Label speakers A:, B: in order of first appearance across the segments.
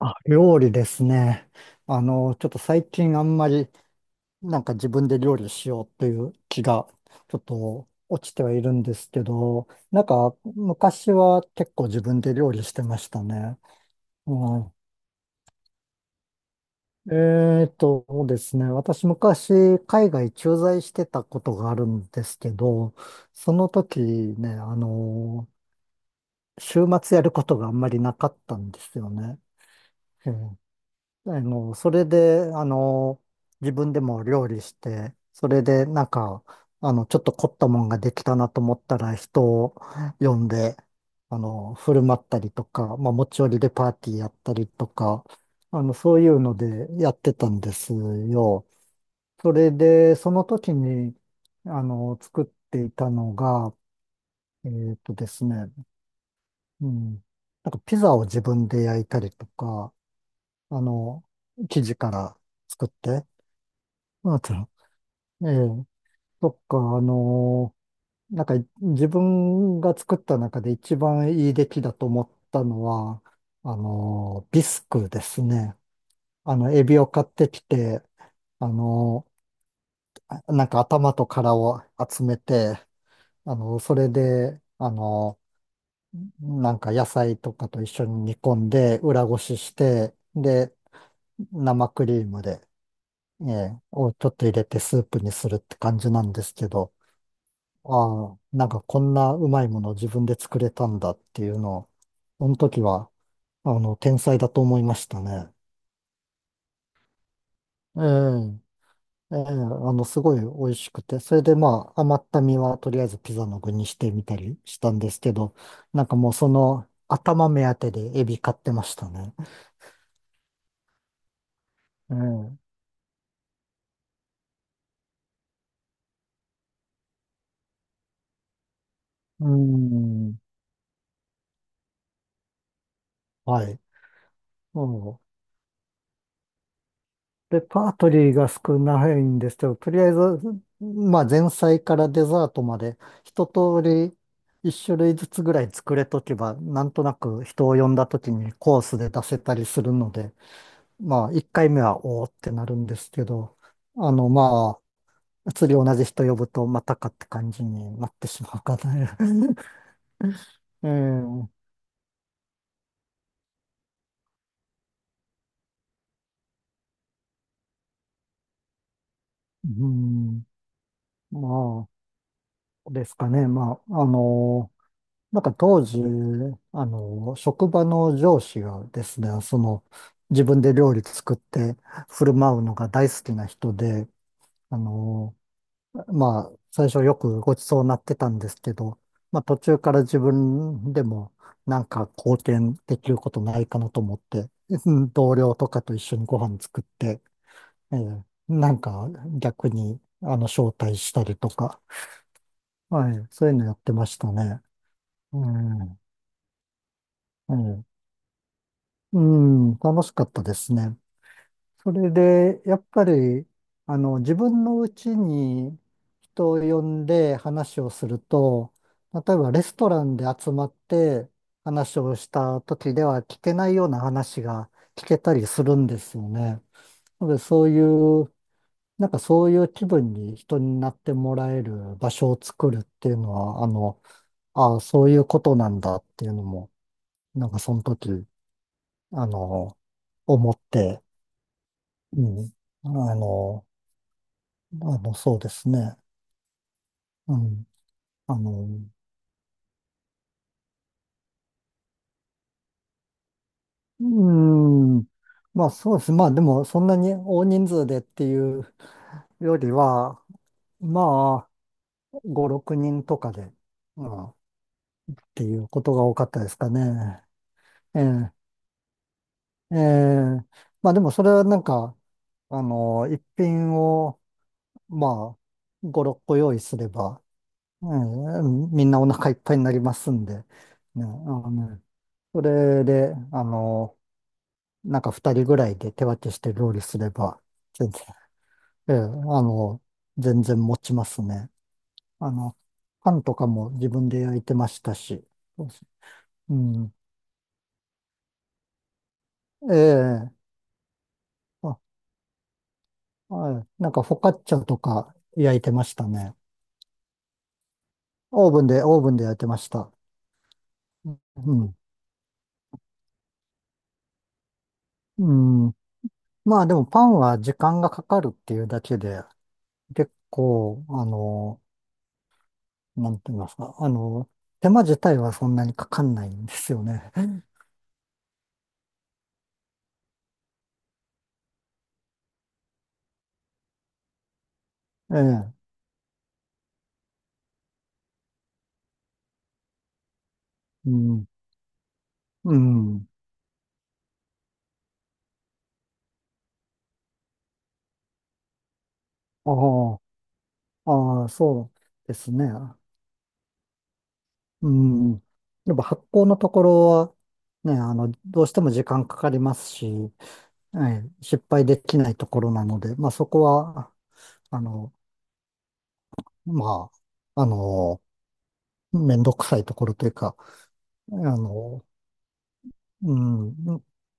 A: あ、料理ですね。ちょっと最近あんまり自分で料理しようという気がちょっと落ちてはいるんですけど、なんか昔は結構自分で料理してましたね。うん、えーとですね。私昔海外駐在してたことがあるんですけど、その時ね、週末やることがあんまりなかったんですよね。それで、自分でも料理して、それで、ちょっと凝ったもんができたなと思ったら、人を呼んで、振る舞ったりとか、まあ、持ち寄りでパーティーやったりとか、そういうのでやってたんですよ。それで、その時に、作っていたのが、えっとですね、うん、なんかピザを自分で焼いたりとか、あの、生地から作って、あと、ええ、そっか、なんか自分が作った中で一番いい出来だと思ったのは、ビスクですね。エビを買ってきて、あのなんか頭と殻を集めて、それで、なんか野菜とかと一緒に煮込んで、裏ごしして、で、生クリームで、ええ、をちょっと入れてスープにするって感じなんですけど、ああ、なんかこんなうまいもの自分で作れたんだっていうのを、その時は、天才だと思いましたね。ええ、ええ、すごい美味しくて、それでまあ、余った身はとりあえずピザの具にしてみたりしたんですけど、なんかもうその頭目当てでエビ買ってましたね。ええ、うん、はい。うんレパートリーが少ないんですけど、とりあえず、まあ前菜からデザートまで一通り一種類ずつぐらい作れとけば、なんとなく人を呼んだ時にコースで出せたりするので、まあ一回目はおーってなるんですけど、まあ、次同じ人呼ぶとまたかって感じになってしまうかな。ええうん、まあ、ですかね。まあ、なんか当時、職場の上司がですね、その、自分で料理作って振る舞うのが大好きな人で、あの、まあ、最初よくごちそうになってたんですけど、まあ途中から自分でもなんか貢献できることないかなと思って、うん同僚とかと一緒にご飯作って、ええなんか逆に、招待したりとか、はい、そういうのやってましたね。うん、うんうん、楽しかったですね。それで、やっぱり、自分のうちに人を呼んで話をすると、例えばレストランで集まって話をした時では聞けないような話が聞けたりするんですよね。なので、そういう、なんかそういう気分に人になってもらえる場所を作るっていうのは、ああ、そういうことなんだっていうのも、なんかその時、あの、思って、うん。あの、そうですね。うん。あの、うーん。まあそうです。まあでもそんなに大人数でっていうよりは、まあ5、6人とかで、うん、っていうことが多かったですかね。ええ、ええ。まあでもそれはなんか、一品を、まあ、5、6個用意すれば、うん、みんなお腹いっぱいになりますんで、ね、あのそれで、なんか二人ぐらいで手分けして料理すれば、全然、ええ、の、全然持ちますね。あの、パンとかも自分で焼いてましたし。そうですうん。ええ、あ、はい。なんかフォカッチャとか焼いてましたね。オーブンで焼いてました。うん。うん。まあでもパンは時間がかかるっていうだけで、結構、なんて言いますか、手間自体はそんなにかかんないんですよね。ええ、うん、うん。ああ、ああ、そうですね。うん。やっぱ発酵のところは、ね、どうしても時間かかりますし、ええ、失敗できないところなので、まあそこは、あの、まあ、あの、めんどくさいところというか、あの、うん、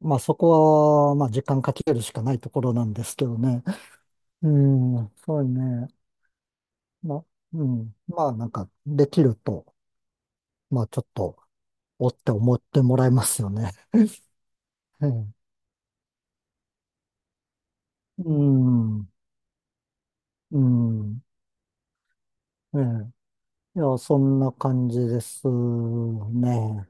A: まあそこは、まあ時間かけるしかないところなんですけどね。うん、そうね。ま、うん。まあ、なんか、できると、まあ、ちょっと、おって思ってもらえますよね。ええうん、うん、うんええ。いや、そんな感じですね。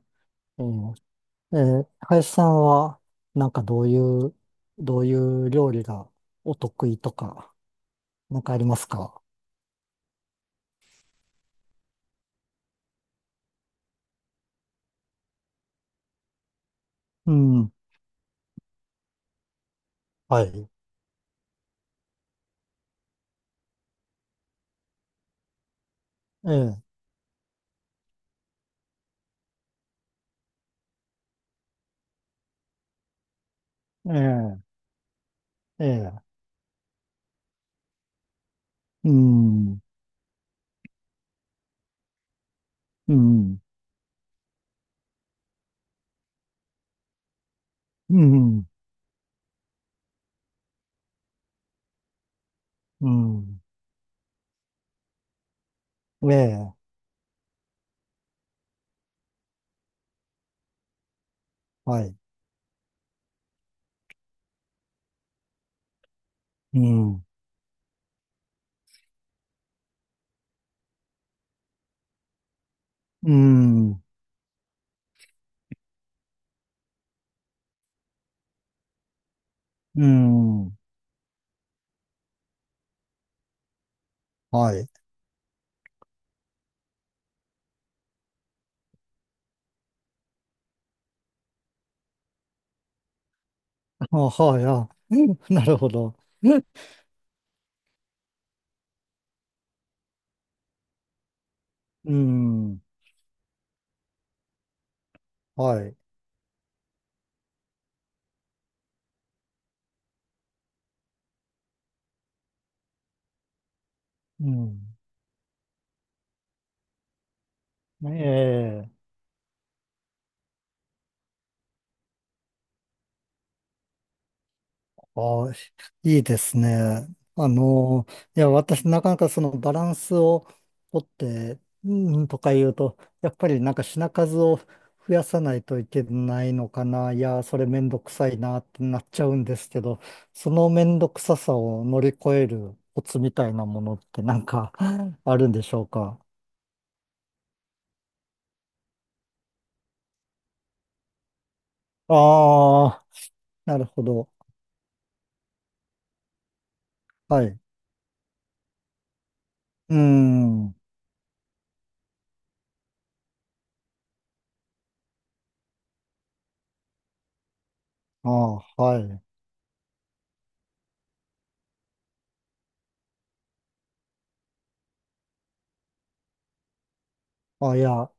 A: ええ、ええ、林さんは、なんかどういう料理がお得意とか、なんかありますかうん、はい。ええ、ええ、ええ、うん、うん、うん、うん。ええはい。うん。うん。うん。はい。あ、はい。あ、なるほど。うん。はい。うん。ええああ、いいですね。あの、いや、私、なかなかそのバランスを取って、うん、とか言うと、やっぱりなんか品数を増やさないといけないのかな。いや、それめんどくさいなってなっちゃうんですけど、そのめんどくささを乗り越えるコツみたいなものってなんか あるんでしょうか。ああ、なるほど。はい。うーん。ああ、はい。あ、いや。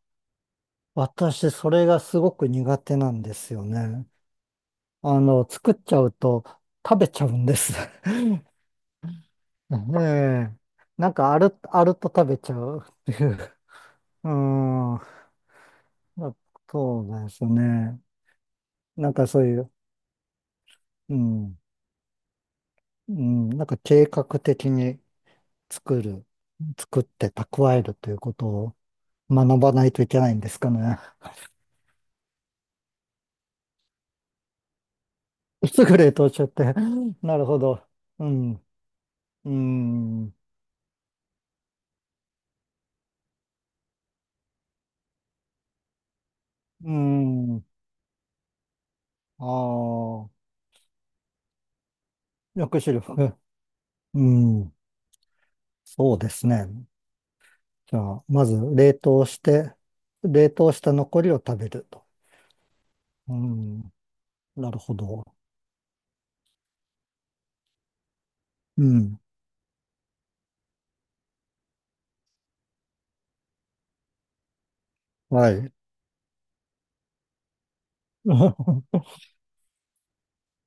A: 私、それがすごく苦手なんですよね。作っちゃうと食べちゃうんです。ねえ。なんかあると食べちゃうっていう。うん。まそうなんですよね。なんかそういう、うん。うん。なんか計画的に作る、作って蓄えるということを学ばないといけないんですかね。すぐ冷凍しちゃって。なるほど。うん。うん。うん。ああ。抑止力。えうん。そうですね。じゃあ、まず冷凍して、冷凍した残りを食べると。うん。なるほど。うん。はい。う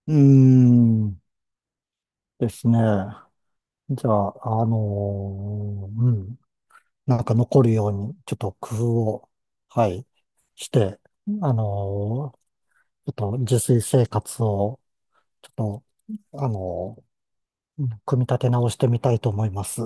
A: ーん。ですね。じゃあ、うん。なんか残るように、ちょっと工夫を、はい、して、あのーちょっと自炊生活を、ちょっと、あの組み立て直してみたいと思います。